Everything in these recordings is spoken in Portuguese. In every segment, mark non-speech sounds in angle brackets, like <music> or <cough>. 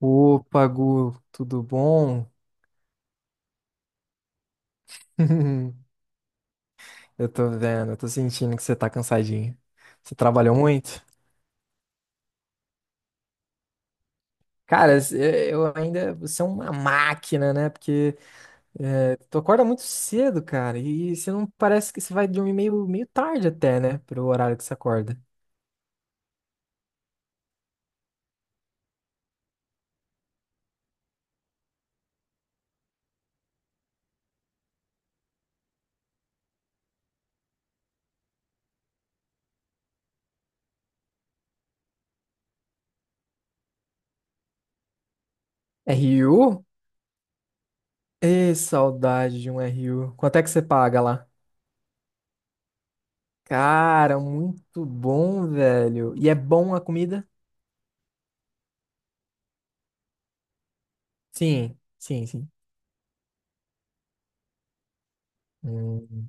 Opa, Gu, tudo bom? <laughs> Eu tô vendo, eu tô sentindo que você tá cansadinho. Você trabalhou muito? Cara, eu ainda. Você é uma máquina, né? Porque é, tu acorda muito cedo, cara, e você não parece que você vai dormir meio tarde até, né? Pelo horário que você acorda. RU? Ei, saudade de um RU. Quanto é que você paga lá? Cara, muito bom, velho. E é bom a comida? Sim, sim, sim. Hum.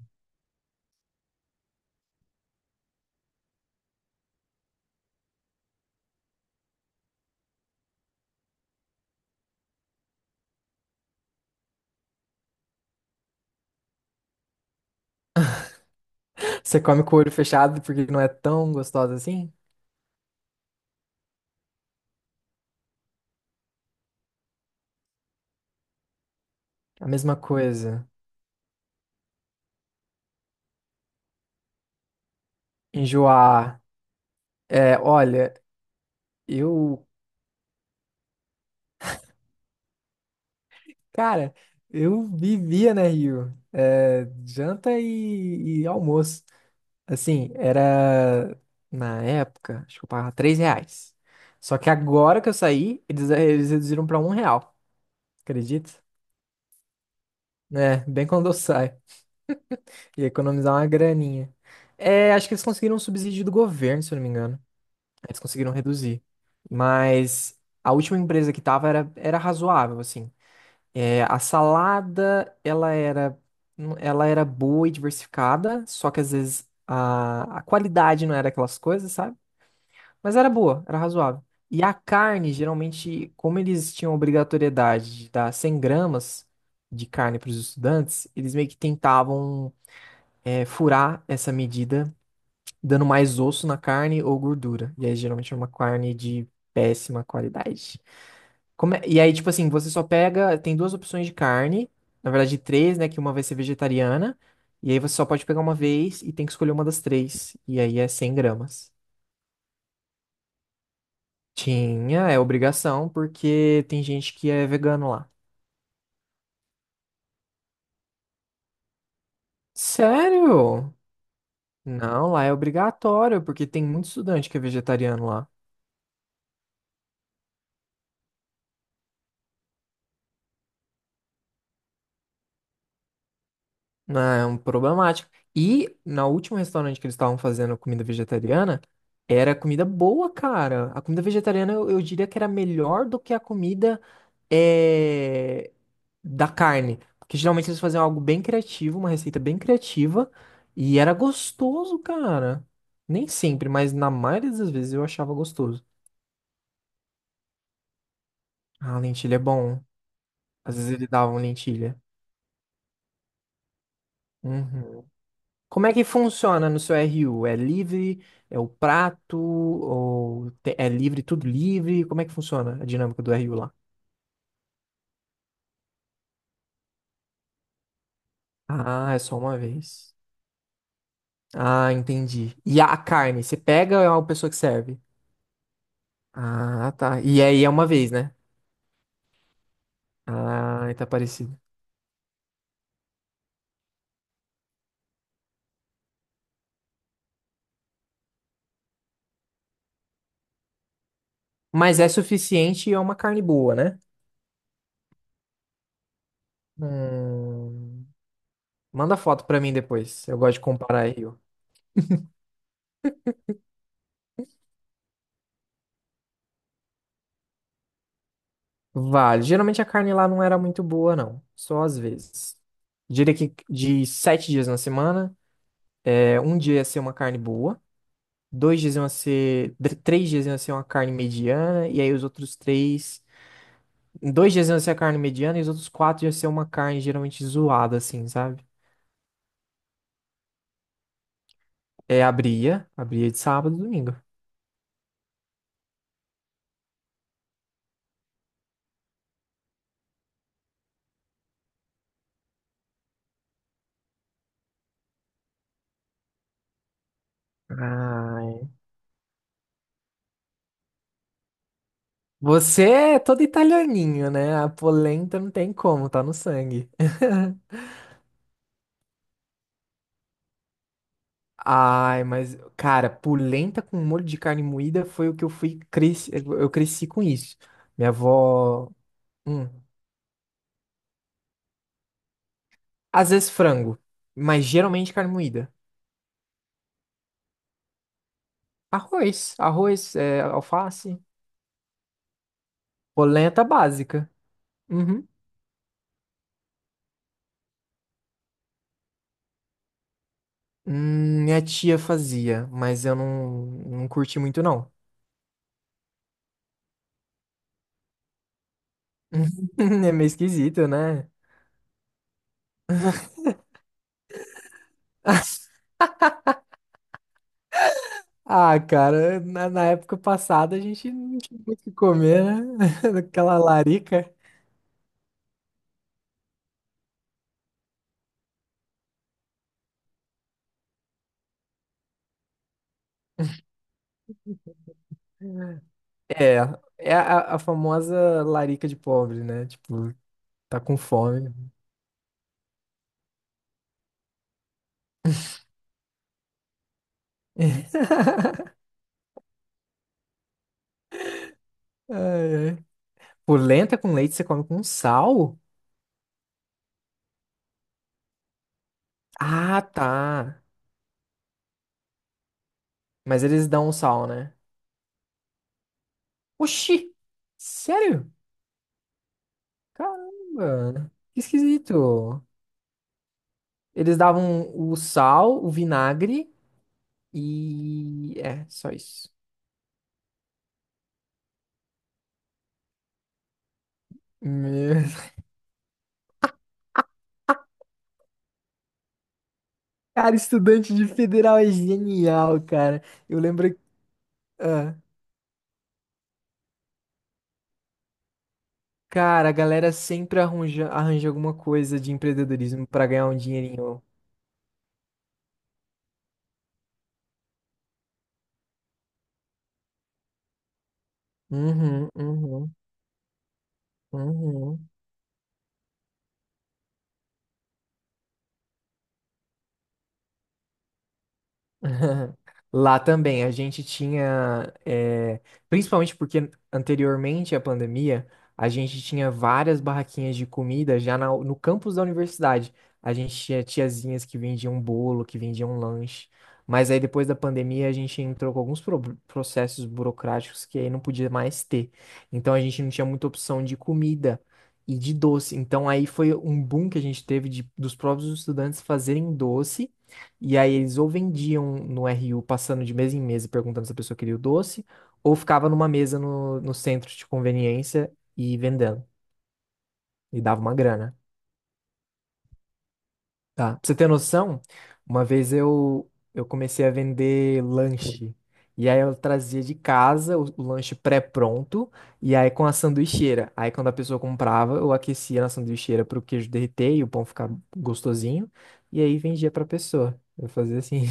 Você come com o olho fechado porque não é tão gostosa assim? A mesma coisa. Enjoar. É, olha, eu, cara, eu vivia na Rio. É, janta e almoço. Assim, era na época, acho que eu pagava R$ 3. Só que agora que eu saí, eles reduziram pra R$ 1. Acredita? É, bem quando eu saio. E economizar uma graninha. É, acho que eles conseguiram um subsídio do governo, se eu não me engano. Eles conseguiram reduzir. Mas a última empresa que tava era razoável, assim. É, a salada, ela era boa e diversificada, só que às vezes a qualidade não era aquelas coisas, sabe? Mas era boa, era razoável. E a carne, geralmente, como eles tinham obrigatoriedade de dar 100 gramas de carne para os estudantes, eles meio que tentavam, furar essa medida dando mais osso na carne ou gordura. E aí, geralmente, é uma carne de péssima qualidade. E aí, tipo assim, você só pega. Tem duas opções de carne. Na verdade, três, né? Que uma vai ser vegetariana. E aí, você só pode pegar uma vez e tem que escolher uma das três. E aí, é 100 gramas. Tinha, é obrigação, porque tem gente que é vegano lá. Sério? Não, lá é obrigatório, porque tem muito estudante que é vegetariano lá. Ah, é um problemático. E na última restaurante que eles estavam fazendo comida vegetariana, era comida boa, cara. A comida vegetariana eu diria que era melhor do que a comida eh, da carne. Porque geralmente eles faziam algo bem criativo, uma receita bem criativa, e era gostoso, cara. Nem sempre, mas na maioria das vezes eu achava gostoso. Ah, lentilha é bom. Às vezes eles davam lentilha. Uhum. Como é que funciona no seu RU? É livre? É o prato? É livre, tudo livre? Como é que funciona a dinâmica do RU lá? Ah, é só uma vez. Ah, entendi. E a carne, você pega ou é uma pessoa que serve? Ah, tá. E aí é uma vez, né? Ah, tá parecido. Mas é suficiente e é uma carne boa, né? Hum, Manda foto pra mim depois. Eu gosto de comparar RU. Vale. Geralmente a carne lá não era muito boa, não. Só às vezes. Diria que de 7 dias na semana, um dia ia ser uma carne boa, 2 dias iam ser. 3 dias iam ser uma carne mediana, e aí os outros 3. 2 dias iam ser a carne mediana, e os outros 4 iam ser uma carne geralmente zoada, assim, sabe? É, abria de sábado e domingo. Ai. Você é todo italianinho, né? A polenta não tem como, tá no sangue. <laughs> Ai, mas, cara, polenta com molho de carne moída foi o que eu cresci com isso. Minha avó, hum, às vezes frango, mas geralmente carne moída. Arroz, arroz, alface, polenta básica. Uhum. Minha tia fazia, mas eu não curti muito não. <laughs> É meio esquisito, né? <laughs> Ah, cara, na época passada a gente não tinha muito o que comer, né? <laughs> Aquela larica. É, é a famosa larica de pobre, né? Tipo, tá com fome. <laughs> Ai, ai. Pô, lenta com leite você come com sal? Ah, tá. Mas eles dão um sal, né? Oxi! Sério? Caramba! Que esquisito. Eles davam o sal, o vinagre e. É, só isso. Meu- <laughs> Cara, estudante de federal é genial, cara. Eu lembro. Cara, a galera sempre arranja alguma coisa de empreendedorismo pra ganhar um dinheirinho. Uhum, uhum, uhum. <laughs> Lá também, a gente tinha, principalmente porque anteriormente à pandemia, a gente tinha várias barraquinhas de comida já no campus da universidade. A gente tinha tiazinhas que vendiam bolo, que vendiam lanche. Mas aí depois da pandemia, a gente entrou com alguns processos burocráticos que aí não podia mais ter. Então a gente não tinha muita opção de comida e de doce. Então aí foi um boom que a gente teve dos próprios estudantes fazerem doce. E aí eles ou vendiam no RU passando de mesa em mesa e perguntando se a pessoa queria o doce, ou ficava numa mesa no centro de conveniência e vendendo. E dava uma grana, tá? Pra você ter noção, uma vez eu comecei a vender lanche. E aí eu trazia de casa o lanche pré-pronto, e aí com a sanduicheira. Aí quando a pessoa comprava, eu aquecia na sanduicheira pro queijo derreter e o pão ficar gostosinho, e aí vendia pra pessoa. Eu fazia assim.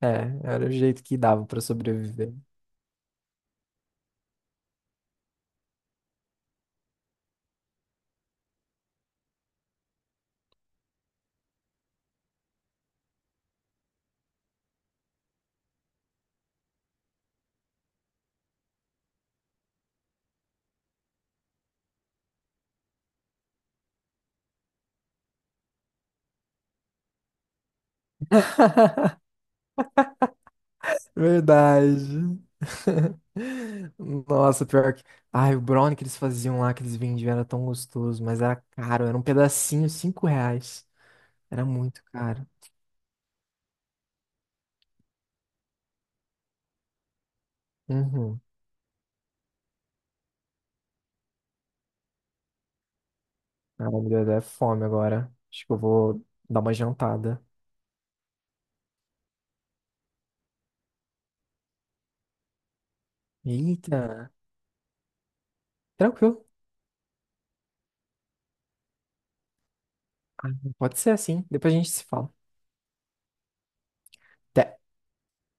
É, era o jeito que dava pra sobreviver. Verdade. <laughs> Nossa, pior que. Ai, o brownie que eles faziam lá, que eles vendiam, era tão gostoso, mas era caro, era um pedacinho, R$ 5. Era muito caro. Uhum. Ai, meu Deus, é fome agora. Acho que eu vou dar uma jantada. Eita, tranquilo. Ah, pode ser assim, depois a gente se fala. Até.